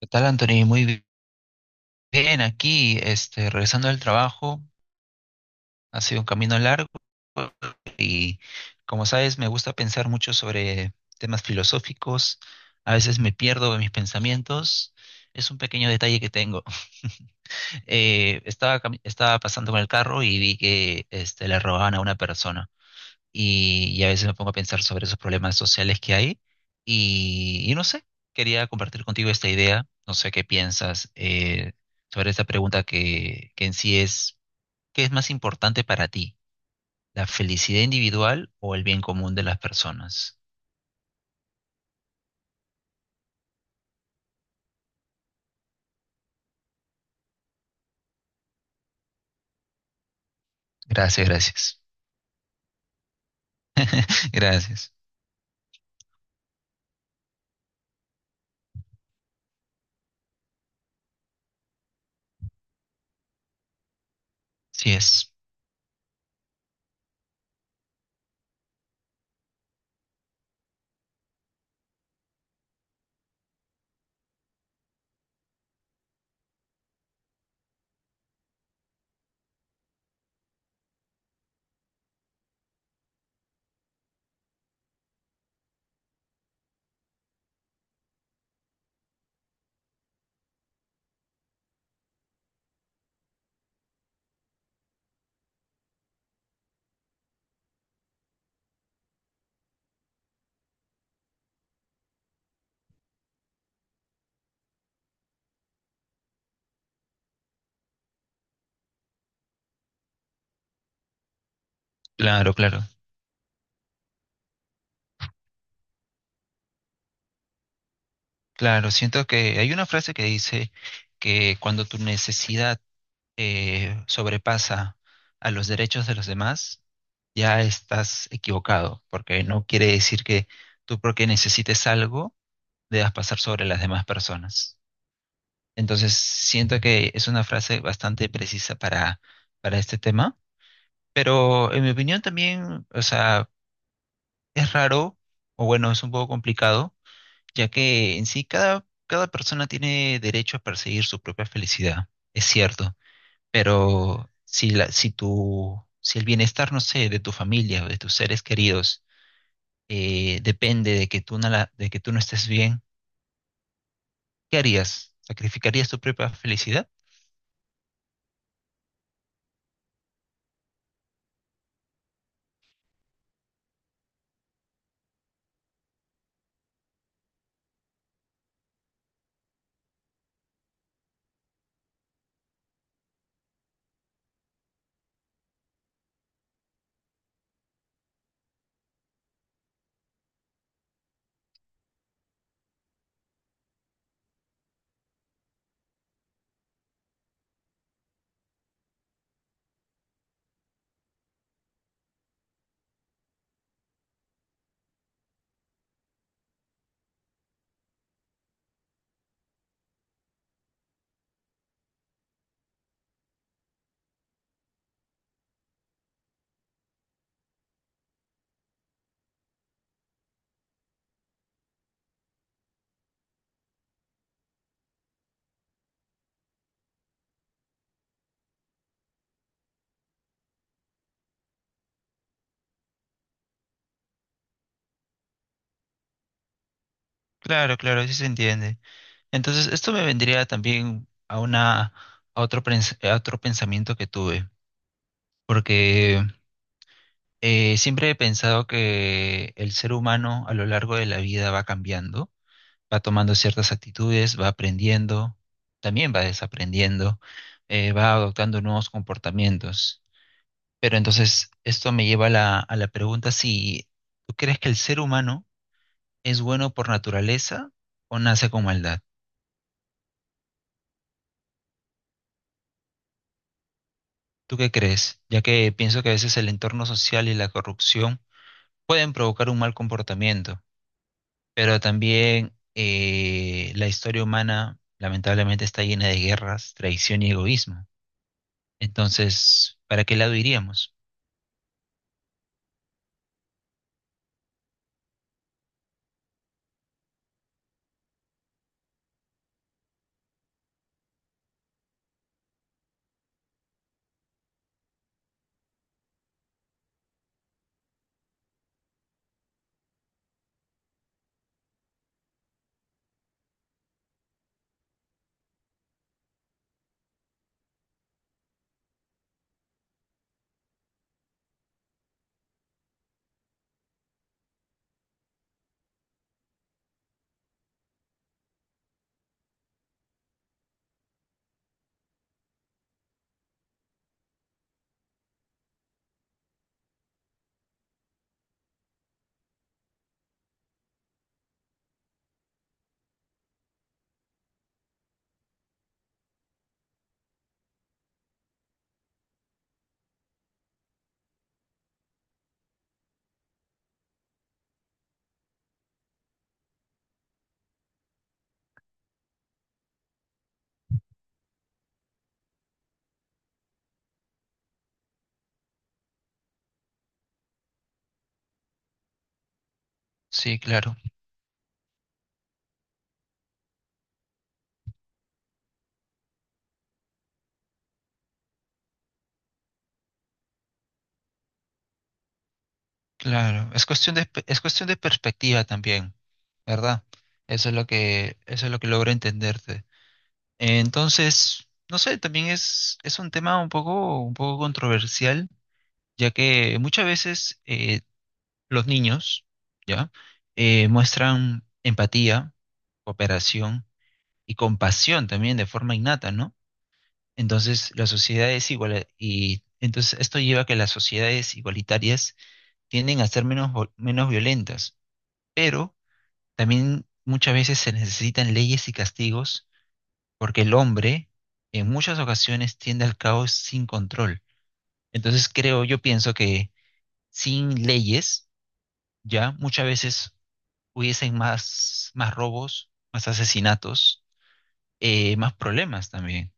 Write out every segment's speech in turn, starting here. ¿Qué tal, Anthony? Muy bien, aquí, regresando del trabajo, ha sido un camino largo y, como sabes, me gusta pensar mucho sobre temas filosóficos. A veces me pierdo en mis pensamientos. Es un pequeño detalle que tengo. Estaba pasando con el carro y vi que, le robaban a una persona. Y a veces me pongo a pensar sobre esos problemas sociales que hay y no sé, quería compartir contigo esta idea, no sé qué piensas sobre esta pregunta que en sí es, ¿qué es más importante para ti? ¿La felicidad individual o el bien común de las personas? Gracias, gracias. Gracias. Sí es. Claro, claro. Claro, siento que hay una frase que dice que cuando tu necesidad sobrepasa a los derechos de los demás, ya estás equivocado, porque no quiere decir que tú porque necesites algo debas pasar sobre las demás personas. Entonces, siento que es una frase bastante precisa para este tema, pero en mi opinión también, o sea, es raro, o bueno, es un poco complicado, ya que en sí cada persona tiene derecho a perseguir su propia felicidad, es cierto, pero si, la, si, tu, si el bienestar, no sé, de tu familia o de tus seres queridos, depende de que tú no la- de que tú no estés bien, ¿qué harías? ¿Sacrificarías tu propia felicidad? Claro, claro, sí se entiende. Entonces, esto me vendría también a una, a otro pensamiento que tuve, porque siempre he pensado que el ser humano a lo largo de la vida va cambiando, va tomando ciertas actitudes, va aprendiendo, también va desaprendiendo, va adoptando nuevos comportamientos. Pero entonces esto me lleva a a la pregunta si tú crees que el ser humano es bueno por naturaleza o nace con maldad. ¿Tú qué crees? Ya que pienso que a veces el entorno social y la corrupción pueden provocar un mal comportamiento, pero también la historia humana lamentablemente está llena de guerras, traición y egoísmo. Entonces, ¿para qué lado iríamos? Sí, claro. Claro, es cuestión de, es cuestión de perspectiva también, ¿verdad? Eso es lo que, eso es lo que logro entenderte. Entonces, no sé, también es un tema un poco controversial, ya que muchas veces los niños, ¿ya? Muestran empatía, cooperación y compasión también de forma innata, ¿no? Entonces, la sociedad es igual y entonces esto lleva a que las sociedades igualitarias tienden a ser menos violentas pero también muchas veces se necesitan leyes y castigos porque el hombre en muchas ocasiones tiende al caos sin control. Entonces creo, yo pienso que sin leyes ya muchas veces hubiesen más robos, más asesinatos, más problemas también.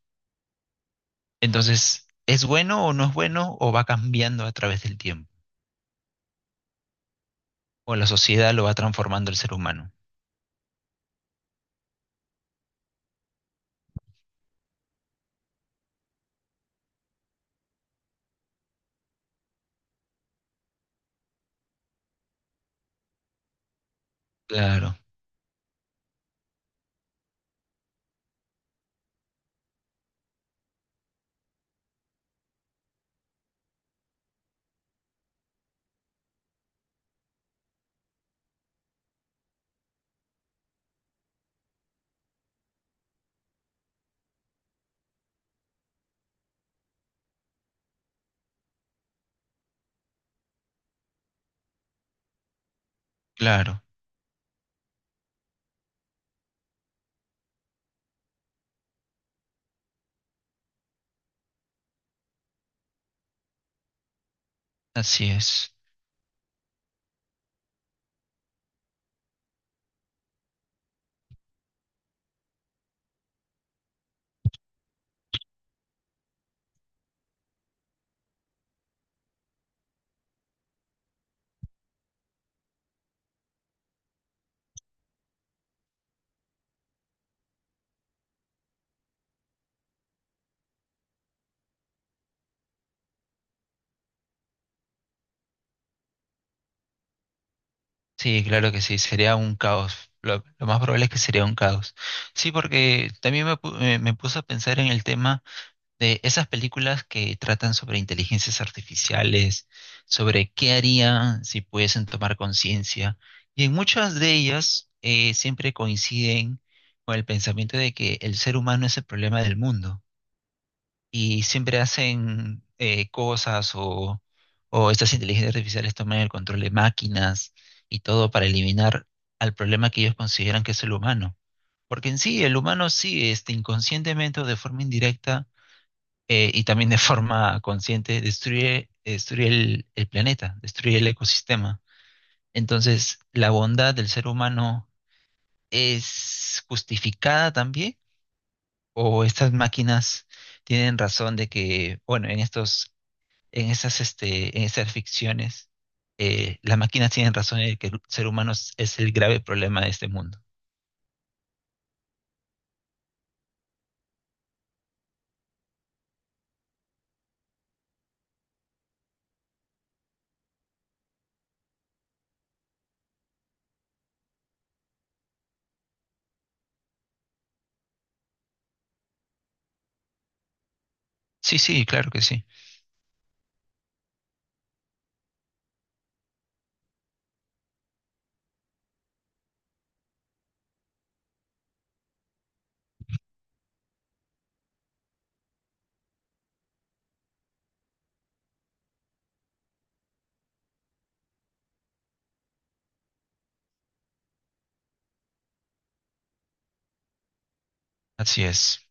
Entonces, ¿es bueno o no es bueno o va cambiando a través del tiempo? O la sociedad lo va transformando el ser humano. Claro, claro, así es. Sí, claro que sí, sería un caos. Lo más probable es que sería un caos. Sí, porque también me puse a pensar en el tema de esas películas que tratan sobre inteligencias artificiales, sobre qué harían si pudiesen tomar conciencia. Y en muchas de ellas siempre coinciden con el pensamiento de que el ser humano es el problema del mundo y siempre hacen cosas o estas inteligencias artificiales toman el control de máquinas y todo para eliminar al problema que ellos consideran que es el humano. Porque en sí, el humano sí, inconscientemente o de forma indirecta y también de forma consciente, destruye, destruye el planeta, destruye el ecosistema. Entonces, ¿la bondad del ser humano es justificada también? ¿O estas máquinas tienen razón de que, bueno, en estos en esas, en esas ficciones, las máquinas tienen razón en que el ser humano es el grave problema de este mundo? Sí, sí, claro que sí. Así es.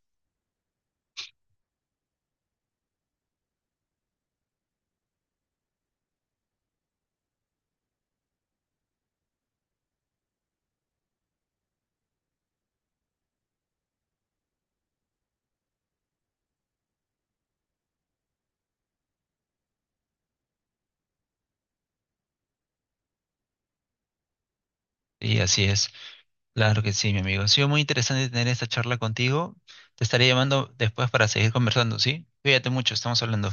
Sí, así es. Claro que sí, mi amigo. Ha sido muy interesante tener esta charla contigo. Te estaré llamando después para seguir conversando, ¿sí? Cuídate mucho, estamos hablando.